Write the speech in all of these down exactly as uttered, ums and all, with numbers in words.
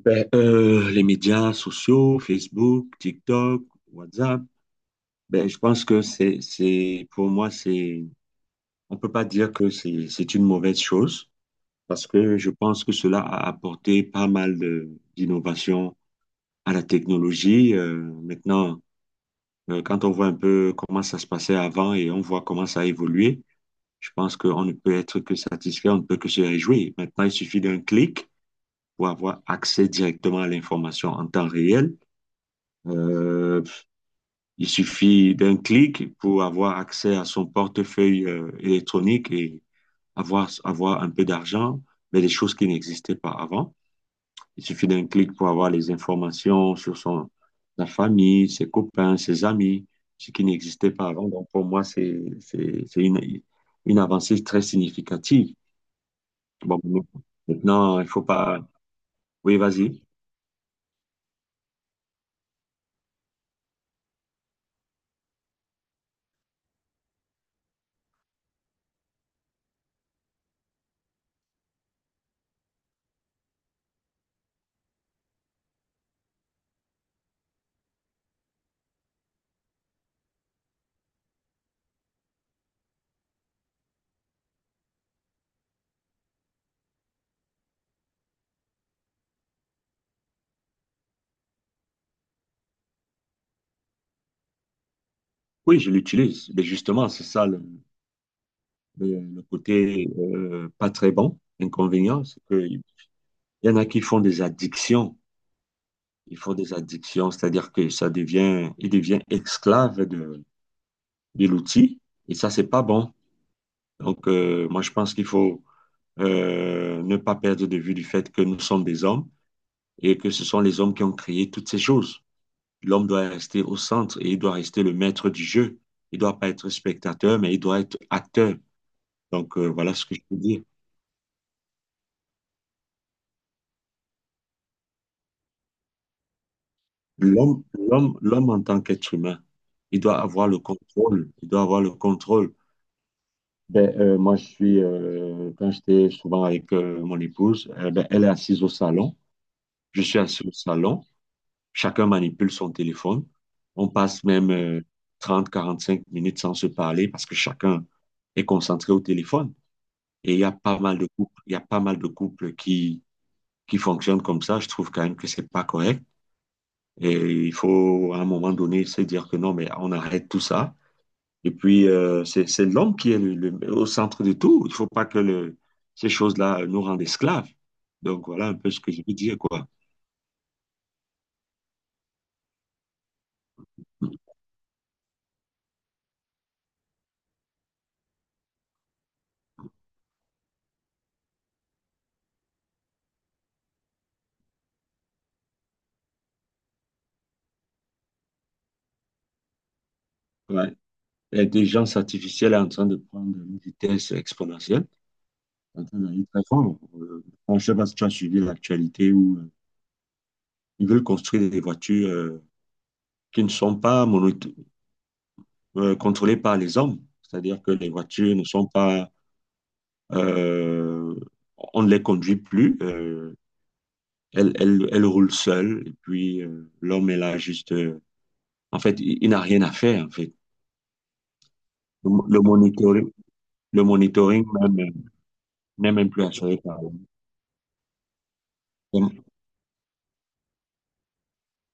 Ben, euh, les médias sociaux, Facebook, TikTok, WhatsApp, ben, je pense que c'est, c'est, pour moi, c'est, on peut pas dire que c'est, c'est une mauvaise chose parce que je pense que cela a apporté pas mal de, d'innovations à la technologie. Euh, maintenant, euh, quand on voit un peu comment ça se passait avant et on voit comment ça a évolué, je pense qu'on ne peut être que satisfait, on ne peut que se réjouir. Maintenant, il suffit d'un clic pour avoir accès directement à l'information en temps réel. Euh, Il suffit d'un clic pour avoir accès à son portefeuille euh, électronique et avoir, avoir un peu d'argent, mais des choses qui n'existaient pas avant. Il suffit d'un clic pour avoir les informations sur son, la famille, ses copains, ses amis, ce qui n'existait pas avant. Donc, pour moi, c'est, c'est, c'est une, une avancée très significative. Bon, maintenant, il faut pas. Oui, vas-y. Oui, je l'utilise. Mais justement, c'est ça le, le- le côté euh, pas très bon, inconvénient, c'est que Il y en a qui font des addictions. Ils font des addictions, c'est-à-dire que ça devient, il devient esclave de, de l'outil. Et ça, c'est pas bon. Donc, euh, moi, je pense qu'il faut euh, ne pas perdre de vue du fait que nous sommes des hommes et que ce sont les hommes qui ont créé toutes ces choses. L'homme doit rester au centre et il doit rester le maître du jeu. Il ne doit pas être spectateur, mais il doit être acteur. Donc, euh, voilà ce que je peux dire. L'homme, l'homme, l'homme en tant qu'être humain, il doit avoir le contrôle. Il doit avoir le contrôle. Ben, euh, moi, je suis, euh, quand j'étais souvent avec euh, mon épouse, euh, ben, elle est assise au salon, je suis assis au salon, chacun manipule son téléphone. On passe même euh, trente, quarante-cinq minutes sans se parler parce que chacun est concentré au téléphone. Et il y a pas mal de couples, il y a pas mal de couples qui, qui fonctionnent comme ça. Je trouve quand même que c'est pas correct. Et il faut, à un moment donné, se dire que non, mais on arrête tout ça Et puis, euh, c'est, c'est l'homme qui est le- le- au centre de tout. Il ne faut pas que le- ces choses-là nous rendent esclaves. Donc, voilà un peu ce que je veux dire, quoi. Ouais. L'intelligence artificielle est en train de prendre une vitesse exponentielle, en train d'aller très fort. Euh, je ne sais pas si tu as suivi l'actualité où euh, ils veulent construire des voitures euh, qui ne sont pas mono- euh, contrôlées par les hommes. C'est-à-dire que les voitures ne sont pas... euh, on ne les conduit plus. euh, Elle, elle, elle roule seule, et puis euh, l'homme est là juste. euh, En fait, il, il n'a rien à faire, en fait. Le, mo- le monitoring, le monitoring même, euh, n'est même plus assuré par l'homme.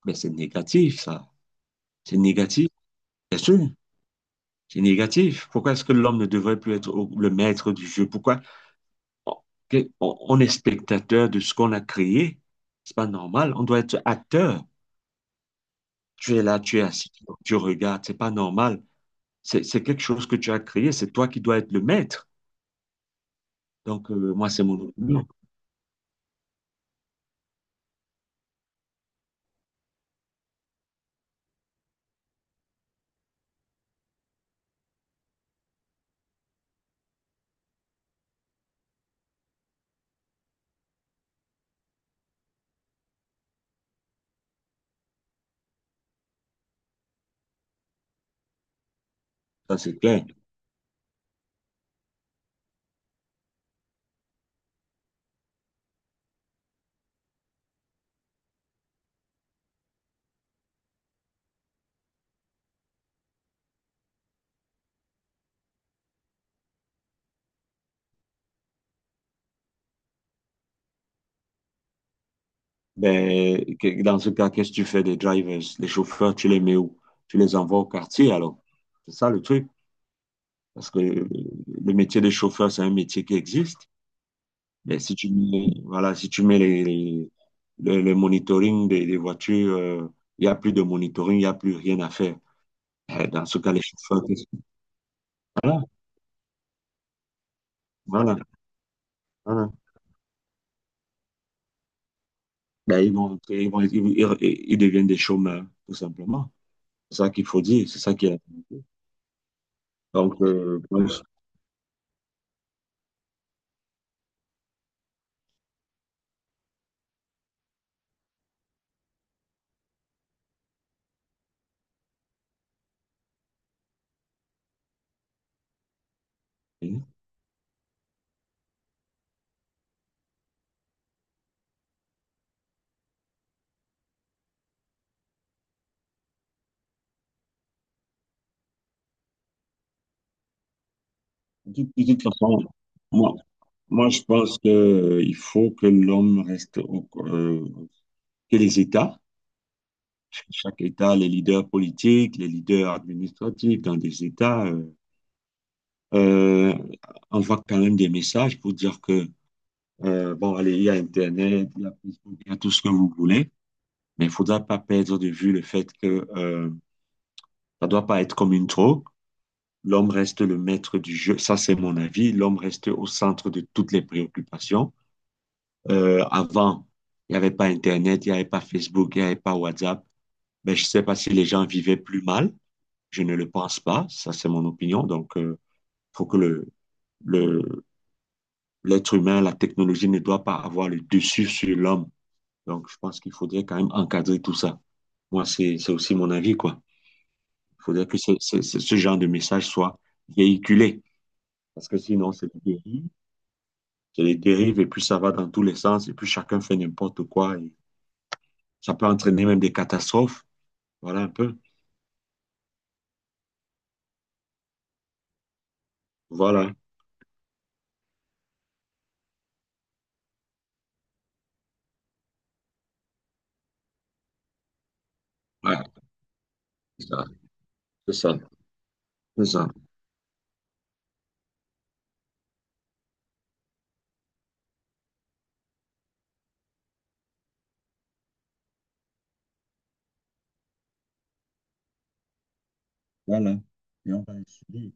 Mais c'est négatif, ça. C'est négatif, bien sûr. C'est négatif. Pourquoi est-ce que l'homme ne devrait plus être au- le maître du jeu? Pourquoi on, que- on- on est spectateur de ce qu'on a créé? C'est pas normal. On doit être acteur. Tu es là, tu es assis, tu regardes. C'est pas normal. C'est c'est quelque chose que tu as créé. C'est toi qui dois être le maître. Donc, euh, moi, c'est mon opinion. Ça, c'est clair. Ben, que- dans ce cas, qu'est-ce que tu fais des drivers, les chauffeurs, tu les mets où? Tu les envoies au quartier, alors. C'est ça le truc. Parce que euh, le métier de chauffeur, c'est un métier qui existe. Mais si tu mets, voilà, si tu mets les, les- le, le monitoring des, des voitures, euh, il n'y a plus de monitoring, il n'y a plus rien à faire. Eh, Dans ce cas, les chauffeurs, qu'est-ce- que- voilà, voilà, voilà. Ben, ils vont, ils vont- ils- ils- ils deviennent des chômeurs, tout simplement. C'est ça qu'il faut dire, c'est ça qui est Donc, euh, moi, je- de, de toute façon, moi, moi, je pense que, euh, il faut que l'homme reste au, euh, que les États, chaque État, les leaders politiques, les leaders administratifs dans des États, euh, euh, envoient quand même des messages pour dire que, euh, bon, allez, il y a Internet, il y a Facebook, il y a tout ce que vous voulez, mais il ne faudra pas perdre de vue le fait que, euh, ça ne doit pas être comme une drogue. L'homme reste le maître du jeu, ça c'est mon avis. L'homme reste au centre de toutes les préoccupations. Euh, avant, il n'y avait pas Internet, il n'y avait pas Facebook, il n'y avait pas WhatsApp. Ben, je ne sais pas si les gens vivaient plus mal. Je ne le pense pas. Ça, c'est mon opinion. Donc, il euh, faut que le, le, l'être humain, la technologie ne doit pas avoir le dessus sur l'homme. Donc, je pense qu'il faudrait quand même encadrer tout ça. Moi, c'est, c'est aussi mon avis, quoi. Il faudrait que ce, ce, ce genre de message soit véhiculé. Parce que sinon, c'est du dérive C'est des dérives et puis ça va dans tous les sens et puis chacun fait n'importe quoi et ça peut entraîner même des catastrophes. Voilà un peu. Voilà. Ouais, c'est ça. C'est ça. C'est ça. Voilà. Et on va suivre.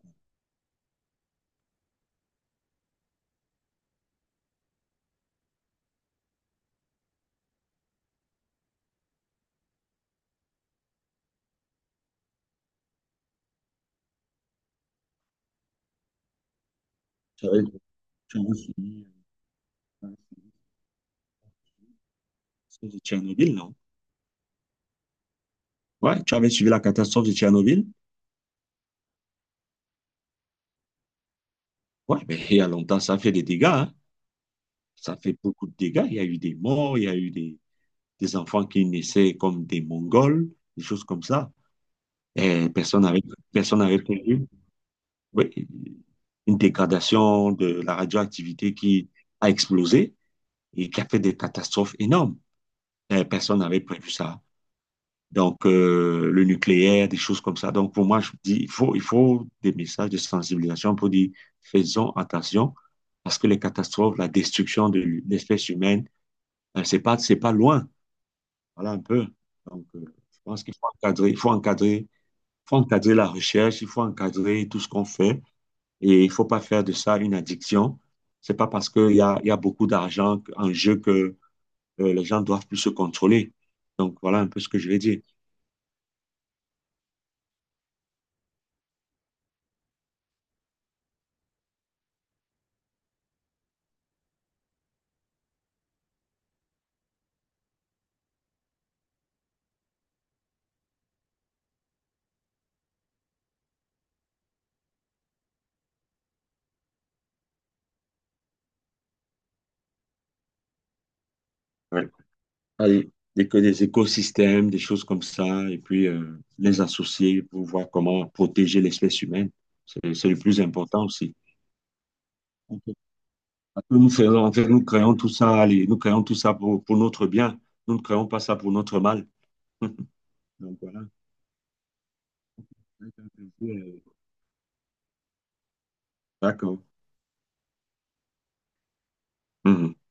Tu avais, Tu avais suivi euh, la catastrophe de Tchernobyl, non? Ouais, tu avais suivi la catastrophe de Tchernobyl? Ouais, mais il y a longtemps, ça a fait des dégâts, hein. Ça fait beaucoup de dégâts. Il y a eu des morts, il y a eu des, des enfants qui naissaient comme des Mongols, des choses comme ça. Et personne n'avait personne n'avait prévu. Oui, une dégradation de la radioactivité qui a explosé et qui a fait des catastrophes énormes. Euh, Personne n'avait prévu ça. Donc, euh, le nucléaire, des choses comme ça. Donc, pour moi, je dis, il faut, il faut des messages de sensibilisation pour dire, faisons attention, parce que les catastrophes, la destruction de l'espèce humaine, euh, c'est pas, c'est pas loin. Voilà un peu. Donc, euh, je pense qu'il faut encadrer, il faut encadrer, il faut encadrer la recherche, il faut encadrer tout ce qu'on fait Et il faut pas faire de ça une addiction. C'est pas parce qu'il y a, il y a beaucoup d'argent en jeu que euh, les gens doivent plus se contrôler. Donc voilà un peu ce que je vais dire. Ouais. Allez, des, que des écosystèmes, des choses comme ça, et puis euh, les associer pour voir comment protéger l'espèce humaine. C'est, c'est le plus important aussi. Ok. Parce que Nous faisons, en fait, nous créons tout ça, allez, nous créons tout ça pour, pour notre bien. Nous ne créons pas ça pour notre mal. Donc voilà. D'accord. Mhm.